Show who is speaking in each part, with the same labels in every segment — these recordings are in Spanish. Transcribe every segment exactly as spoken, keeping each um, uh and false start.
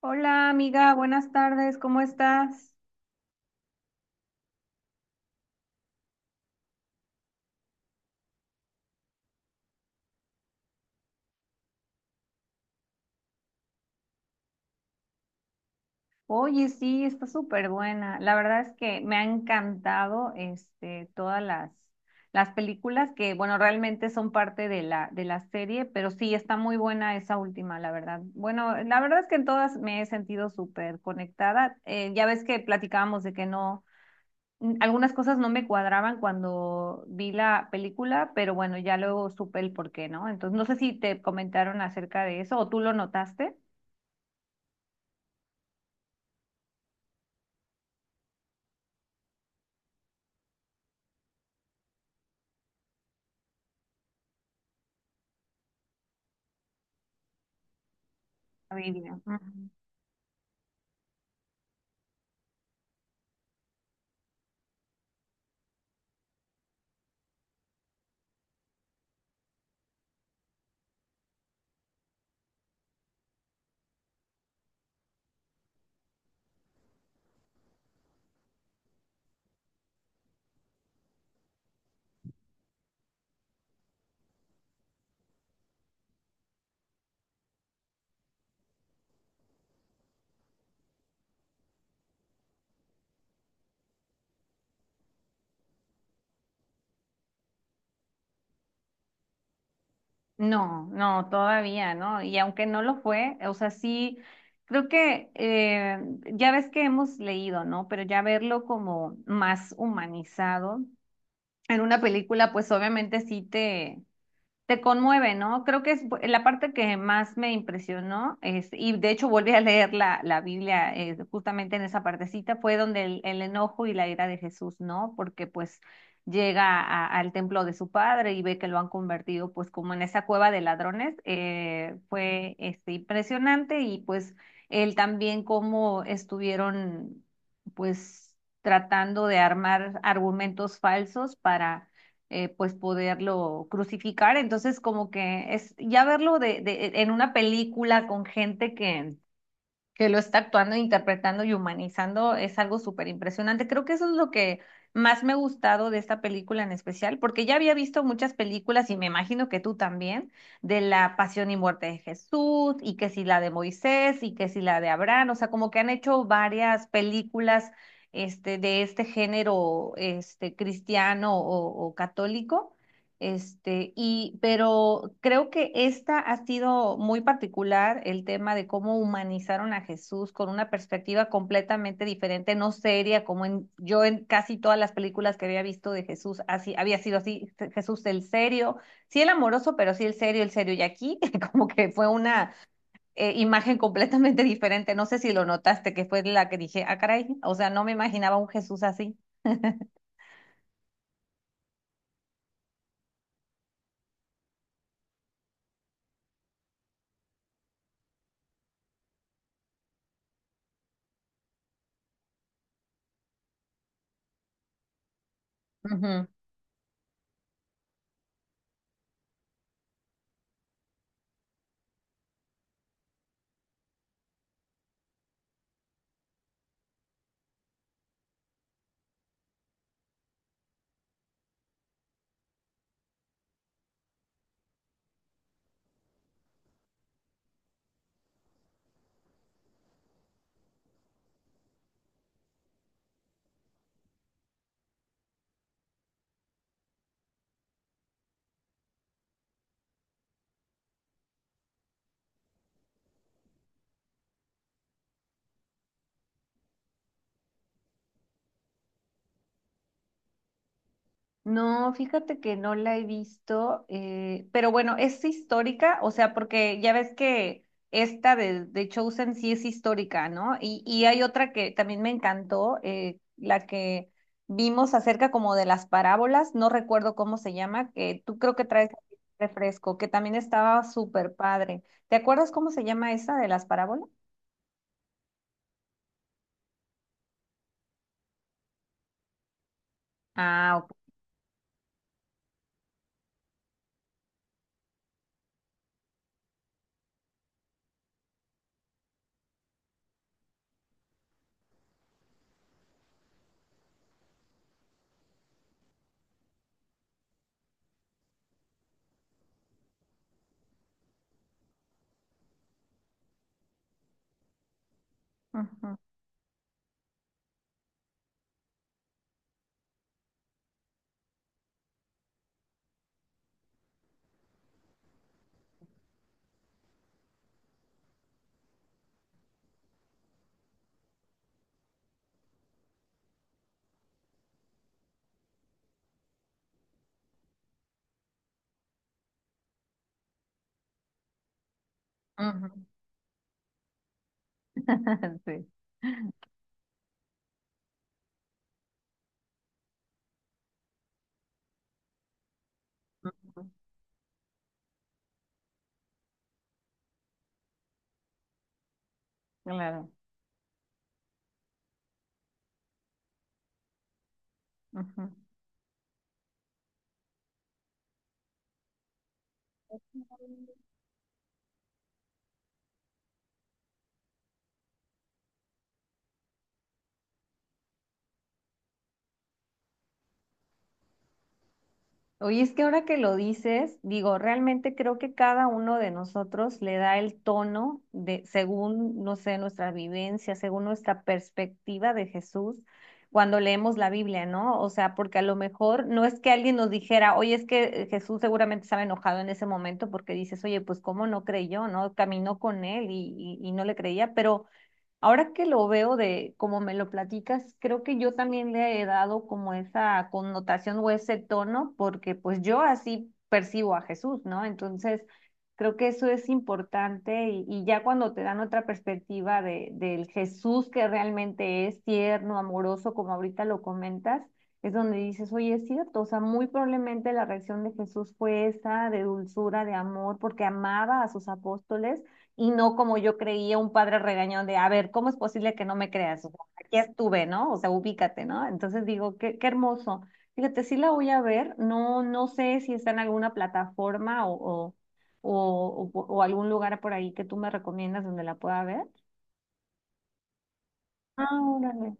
Speaker 1: Hola amiga, buenas tardes, ¿cómo estás? Oye, sí, está súper buena. La verdad es que me ha encantado este, todas las, las películas que, bueno, realmente son parte de la, de la serie, pero sí, está muy buena esa última, la verdad. Bueno, la verdad es que en todas me he sentido súper conectada. Eh, ya ves que platicábamos de que no, mm, algunas cosas no me cuadraban cuando vi la película, pero bueno, ya luego supe el por qué, ¿no? Entonces, no sé si te comentaron acerca de eso o tú lo notaste. Familia. Ujú. No, no, todavía, ¿no? Y aunque no lo fue, o sea, sí, creo que eh, ya ves que hemos leído, ¿no? Pero ya verlo como más humanizado en una película, pues obviamente sí te, Te conmueve, ¿no? Creo que es la parte que más me impresionó, es, y de hecho volví a leer la, la Biblia eh, justamente en esa partecita, fue donde el, el enojo y la ira de Jesús, ¿no? Porque pues llega a- al templo de su padre y ve que lo han convertido pues como en esa cueva de ladrones. Eh, fue este, impresionante, y pues él también cómo estuvieron pues tratando de armar argumentos falsos para, eh, pues poderlo crucificar. Entonces, como que es ya verlo de, de, en una película con gente que, que lo está actuando, interpretando y humanizando, es algo súper impresionante. Creo que eso es lo que más me ha gustado de esta película en especial, porque ya había visto muchas películas, y me imagino que tú también, de la pasión y muerte de Jesús, y que si la de Moisés, y que si la de Abraham. O sea, como que han hecho varias películas este, de este género este, cristiano o o católico, este, y, pero creo que esta ha sido muy particular el tema de cómo humanizaron a Jesús con una perspectiva completamente diferente, no seria, como en, yo en casi todas las películas que había visto de Jesús, así, había sido así, Jesús el serio, sí el amoroso, pero sí el serio, el serio. Y aquí como que fue una, eh, imagen completamente diferente, no sé si lo notaste, que fue la que dije, ah, caray, o sea, no me imaginaba un Jesús así. Ujú. No, fíjate que no la he visto, eh, pero bueno, es histórica, o sea, porque ya ves que esta de, de Chosen sí es histórica, ¿no? Y, y hay otra que también me encantó, eh, la que vimos acerca como de las parábolas, no recuerdo cómo se llama, que tú creo que traes refresco, que también estaba súper padre. ¿Te acuerdas cómo se llama esa de las parábolas? Ah, ok. Ujú, ujú. Sí. Ujú. Claro. Ujú. Oye, es que ahora que lo dices, digo, realmente creo que cada uno de nosotros le da el tono de, según, no sé, nuestra vivencia, según nuestra perspectiva de Jesús, cuando leemos la Biblia, ¿no? O sea, porque a lo mejor no es que alguien nos dijera, oye, es que eh, Jesús seguramente estaba enojado en ese momento porque dices, oye, pues cómo no creyó, ¿no? Caminó con él y, y y no le creía, pero... ahora que lo veo de como me lo platicas, creo que yo también le he dado como esa connotación o ese tono, porque pues yo así percibo a Jesús, ¿no? Entonces, creo que eso es importante y, y ya cuando te dan otra perspectiva de, del Jesús que realmente es tierno, amoroso, como ahorita lo comentas, es donde dices, oye, es cierto, o sea, muy probablemente la reacción de Jesús fue esa, de dulzura, de amor, porque amaba a sus apóstoles, y no como yo creía, un padre regañón de, a ver, ¿cómo es posible que no me creas? Aquí estuve, ¿no? O sea, ubícate, ¿no? Entonces digo, qué, qué hermoso. Fíjate, sí la voy a ver, no, no sé si está en alguna plataforma o, o, o, o- o algún lugar por ahí que tú me recomiendas donde la pueda ver. Ah, órale.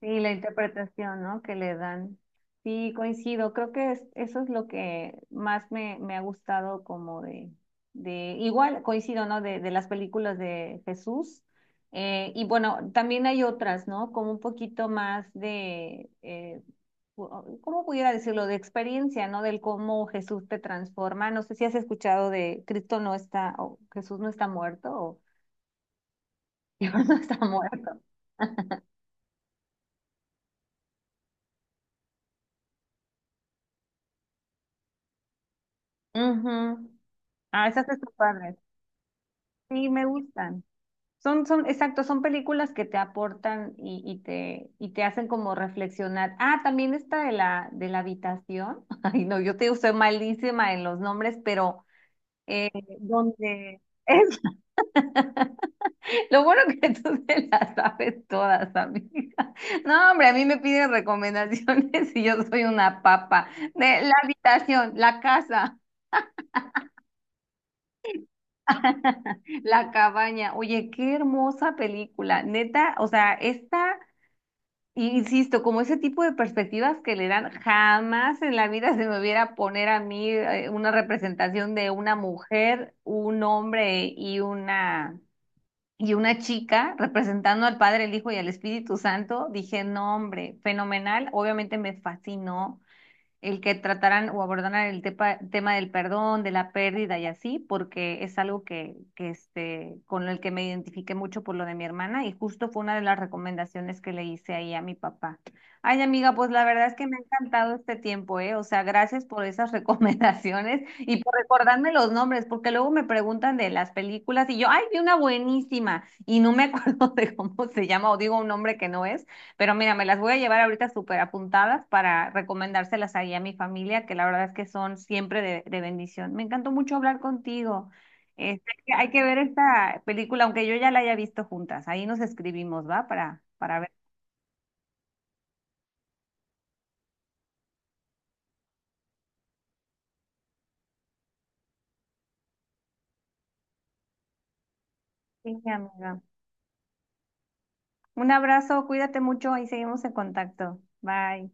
Speaker 1: Sí, la interpretación, ¿no? Que le dan. Sí, coincido. Creo que es- eso es lo que más me, me ha gustado como de, de, igual coincido, ¿no? De, de las películas de Jesús. Eh, y bueno, también hay otras, ¿no? Como un poquito más de, eh, pu- ¿cómo pudiera decirlo? De experiencia, ¿no? Del cómo Jesús te transforma. No sé si has escuchado de Cristo no está, o Jesús no está muerto, o Dios no está muerto. Ujú. Ah, esas están padres. Sí, me gustan. Son, son, exacto, son películas que te aportan y, y te, y te hacen como reflexionar. Ah, también esta de la, de la habitación. Ay, no, yo te digo, soy malísima en los nombres, pero eh, donde es lo bueno que tú te las sabes todas, amiga. No, hombre, a mí me piden recomendaciones y yo soy una papa. De la habitación, la casa. La cabaña, oye, qué hermosa película, neta, o sea, esta. Y insisto, como ese tipo de perspectivas que le dan, jamás en la vida se me hubiera poner a mí eh, una representación de una mujer, un hombre y una y una chica representando al Padre, el Hijo y al Espíritu Santo. Dije, no, hombre, fenomenal. Obviamente me fascinó el que trataran o abordaran el tepa- tema del perdón, de la pérdida y así, porque es algo que, que este, con el que me identifiqué mucho por lo de mi hermana, y justo fue una de las recomendaciones que le hice ahí a mi papá. Ay, amiga, pues la verdad es que me ha encantado este tiempo, ¿eh? O sea, gracias por esas recomendaciones y por recordarme los nombres, porque luego me preguntan de las películas y yo, ay, vi una buenísima y no me acuerdo de cómo se llama o digo un nombre que no es. Pero mira, me las voy a llevar ahorita súper apuntadas para recomendárselas ahí a mi familia, que la verdad es que son siempre de, de bendición. Me encantó mucho hablar contigo. Este, hay que hay que ver esta película, aunque yo ya la haya visto, juntas. Ahí nos escribimos, ¿va? Para, para ver. Sí, amiga. Un abrazo, cuídate mucho y seguimos en contacto. Bye.